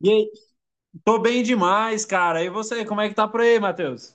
E aí, tô bem demais, cara. E você, como é que tá por aí, Matheus?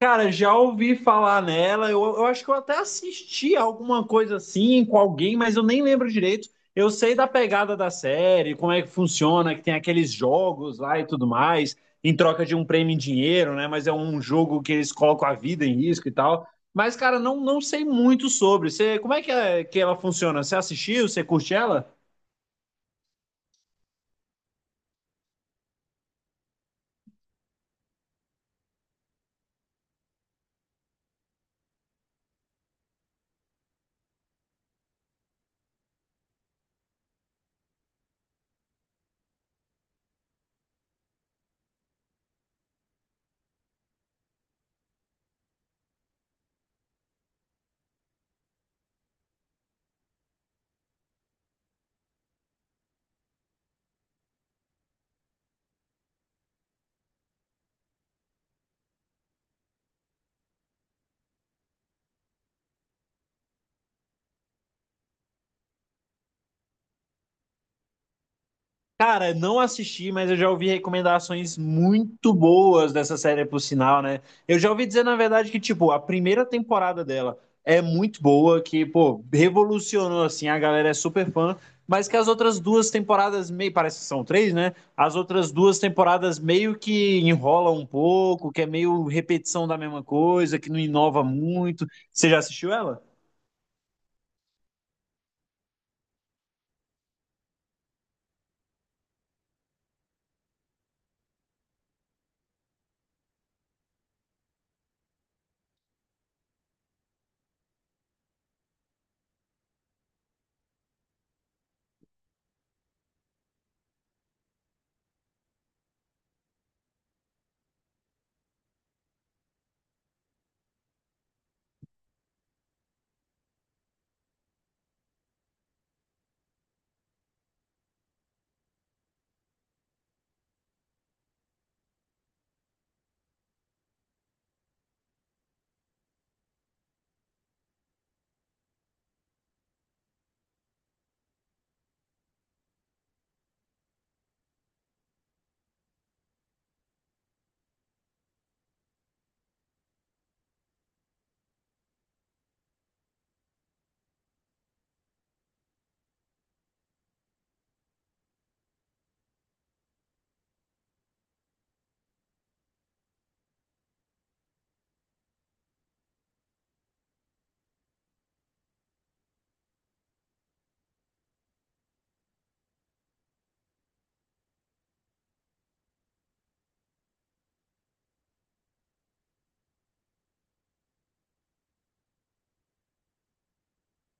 Cara, já ouvi falar nela. Eu acho que eu até assisti alguma coisa assim com alguém, mas eu nem lembro direito. Eu sei da pegada da série, como é que funciona, que tem aqueles jogos lá e tudo mais, em troca de um prêmio em dinheiro, né? Mas é um jogo que eles colocam a vida em risco e tal. Mas, cara, não sei muito sobre. Você, como é que ela funciona? Você assistiu? Você curte ela? Cara, não assisti, mas eu já ouvi recomendações muito boas dessa série, por sinal, né? Eu já ouvi dizer, na verdade, que, tipo, a primeira temporada dela é muito boa, que, pô, revolucionou, assim, a galera é super fã, mas que as outras duas temporadas, meio, parece que são três, né? As outras duas temporadas meio que enrolam um pouco, que é meio repetição da mesma coisa, que não inova muito. Você já assistiu ela?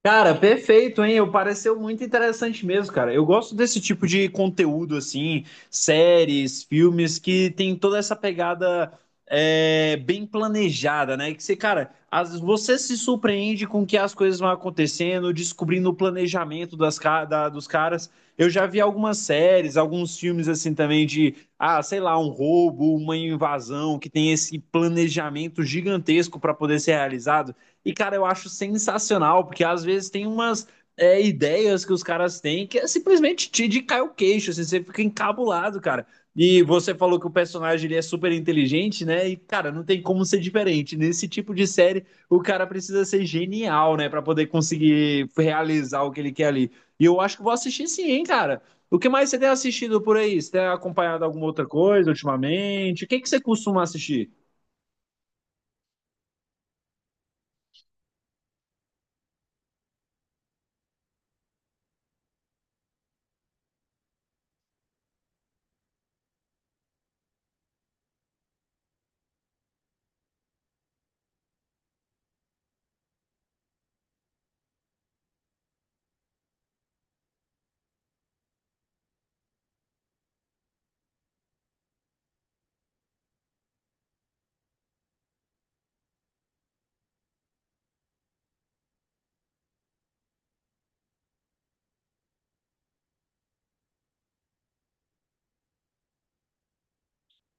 Cara, perfeito, hein? Eu pareceu muito interessante mesmo, cara. Eu gosto desse tipo de conteúdo, assim, séries, filmes que tem toda essa pegada bem planejada, né? Que você, cara, as, você se surpreende com que as coisas vão acontecendo, descobrindo o planejamento das, dos caras. Eu já vi algumas séries, alguns filmes, assim, também de, ah, sei lá, um roubo, uma invasão, que tem esse planejamento gigantesco para poder ser realizado. E, cara, eu acho sensacional, porque às vezes tem umas ideias que os caras têm que é simplesmente te de cai o queixo, assim, você fica encabulado, cara. E você falou que o personagem ele é super inteligente, né? E, cara, não tem como ser diferente. Nesse tipo de série, o cara precisa ser genial, né? Pra poder conseguir realizar o que ele quer ali. E eu acho que vou assistir sim, hein, cara. O que mais você tem assistido por aí? Você tem acompanhado alguma outra coisa ultimamente? O que que você costuma assistir?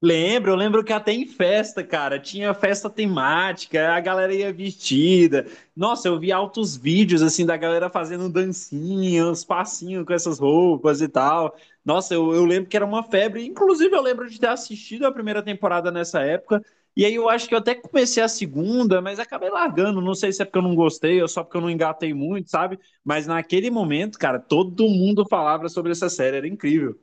Lembro, eu lembro que até em festa, cara, tinha festa temática, a galera ia vestida. Nossa, eu vi altos vídeos assim da galera fazendo dancinha, uns passinhos com essas roupas e tal. Nossa, eu lembro que era uma febre. Inclusive, eu lembro de ter assistido a primeira temporada nessa época. E aí eu acho que eu até comecei a segunda, mas acabei largando. Não sei se é porque eu não gostei ou só porque eu não engatei muito, sabe? Mas naquele momento, cara, todo mundo falava sobre essa série, era incrível.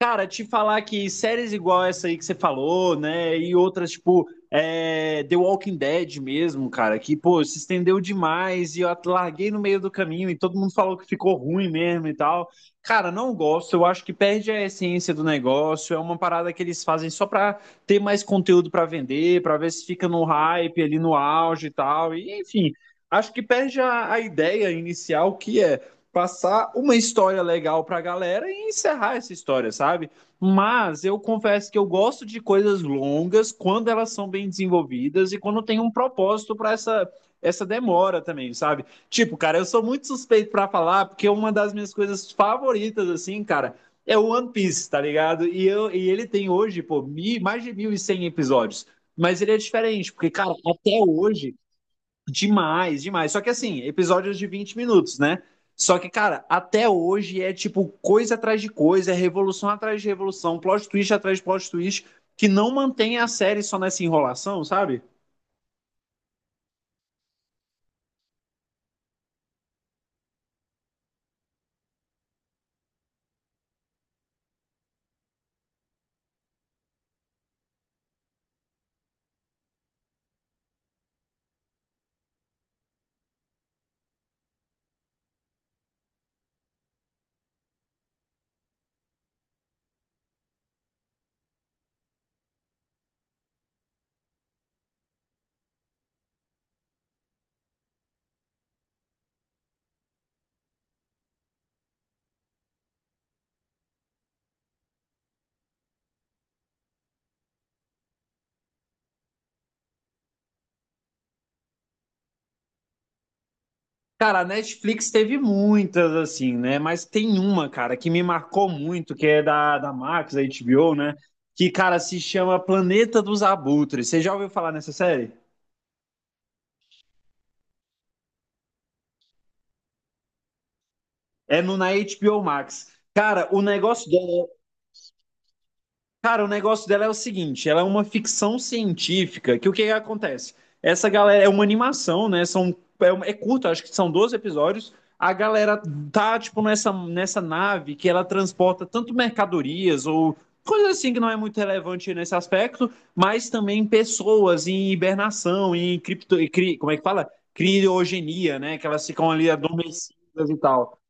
Cara, te falar que séries igual essa aí que você falou, né? E outras, tipo, é, The Walking Dead mesmo, cara, que, pô, se estendeu demais e eu larguei no meio do caminho e todo mundo falou que ficou ruim mesmo e tal. Cara, não gosto, eu acho que perde a essência do negócio, é uma parada que eles fazem só pra ter mais conteúdo pra vender, pra ver se fica no hype ali no auge e tal. E, enfim, acho que perde a ideia inicial que é passar uma história legal pra galera e encerrar essa história, sabe? Mas eu confesso que eu gosto de coisas longas quando elas são bem desenvolvidas e quando tem um propósito para essa demora também, sabe? Tipo, cara, eu sou muito suspeito pra falar porque uma das minhas coisas favoritas assim, cara, é o One Piece, tá ligado? E, eu, e ele tem hoje, pô, mais de 1.100 episódios. Mas ele é diferente, porque, cara, até hoje. Demais, demais. Só que assim, episódios de 20 minutos, né? Só que, cara, até hoje é tipo coisa atrás de coisa, é revolução atrás de revolução, plot twist atrás de plot twist, que não mantém a série só nessa enrolação, sabe? Cara, a Netflix teve muitas, assim, né? Mas tem uma, cara, que me marcou muito, que é da, da Max, da HBO, né? Que, cara, se chama Planeta dos Abutres. Você já ouviu falar nessa série? É no, na HBO Max. Cara, o negócio dela. Cara, o negócio dela é o seguinte, ela é uma ficção científica, que o que que acontece? Essa galera é uma animação, né? São, é, um- é curto, acho que são 12 episódios. A galera tá, tipo, nessa nave que ela transporta tanto mercadorias ou coisa assim que não é muito relevante nesse aspecto, mas também pessoas em hibernação, em cripto, e cri- como é que fala? Criogenia, né? Que elas ficam ali adormecidas e tal.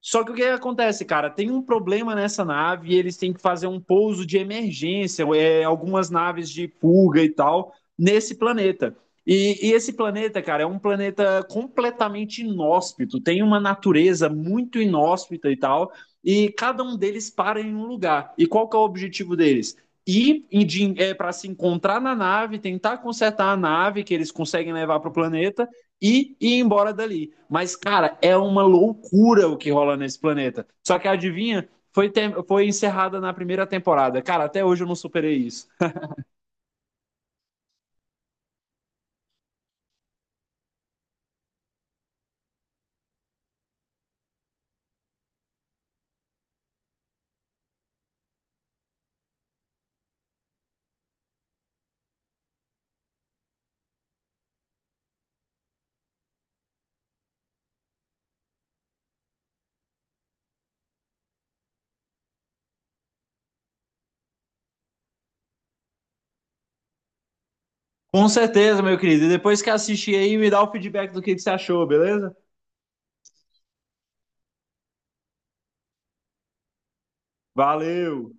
Só que o que acontece, cara? Tem um problema nessa nave e eles têm que fazer um pouso de emergência, é, algumas naves de fuga e tal, nesse planeta. E esse planeta, cara, é um planeta completamente inóspito, tem uma natureza muito inóspita e tal, e cada um deles para em um lugar. E qual que é o objetivo deles? Ir em- de- é, para se encontrar na nave, tentar consertar a nave que eles conseguem levar para o planeta e ir embora dali. Mas, cara, é uma loucura o que rola nesse planeta. Só que adivinha, foi, ter... foi encerrada na primeira temporada. Cara, até hoje eu não superei isso. Com certeza, meu querido. E depois que assistir aí, me dá o feedback do que você achou, beleza? Valeu!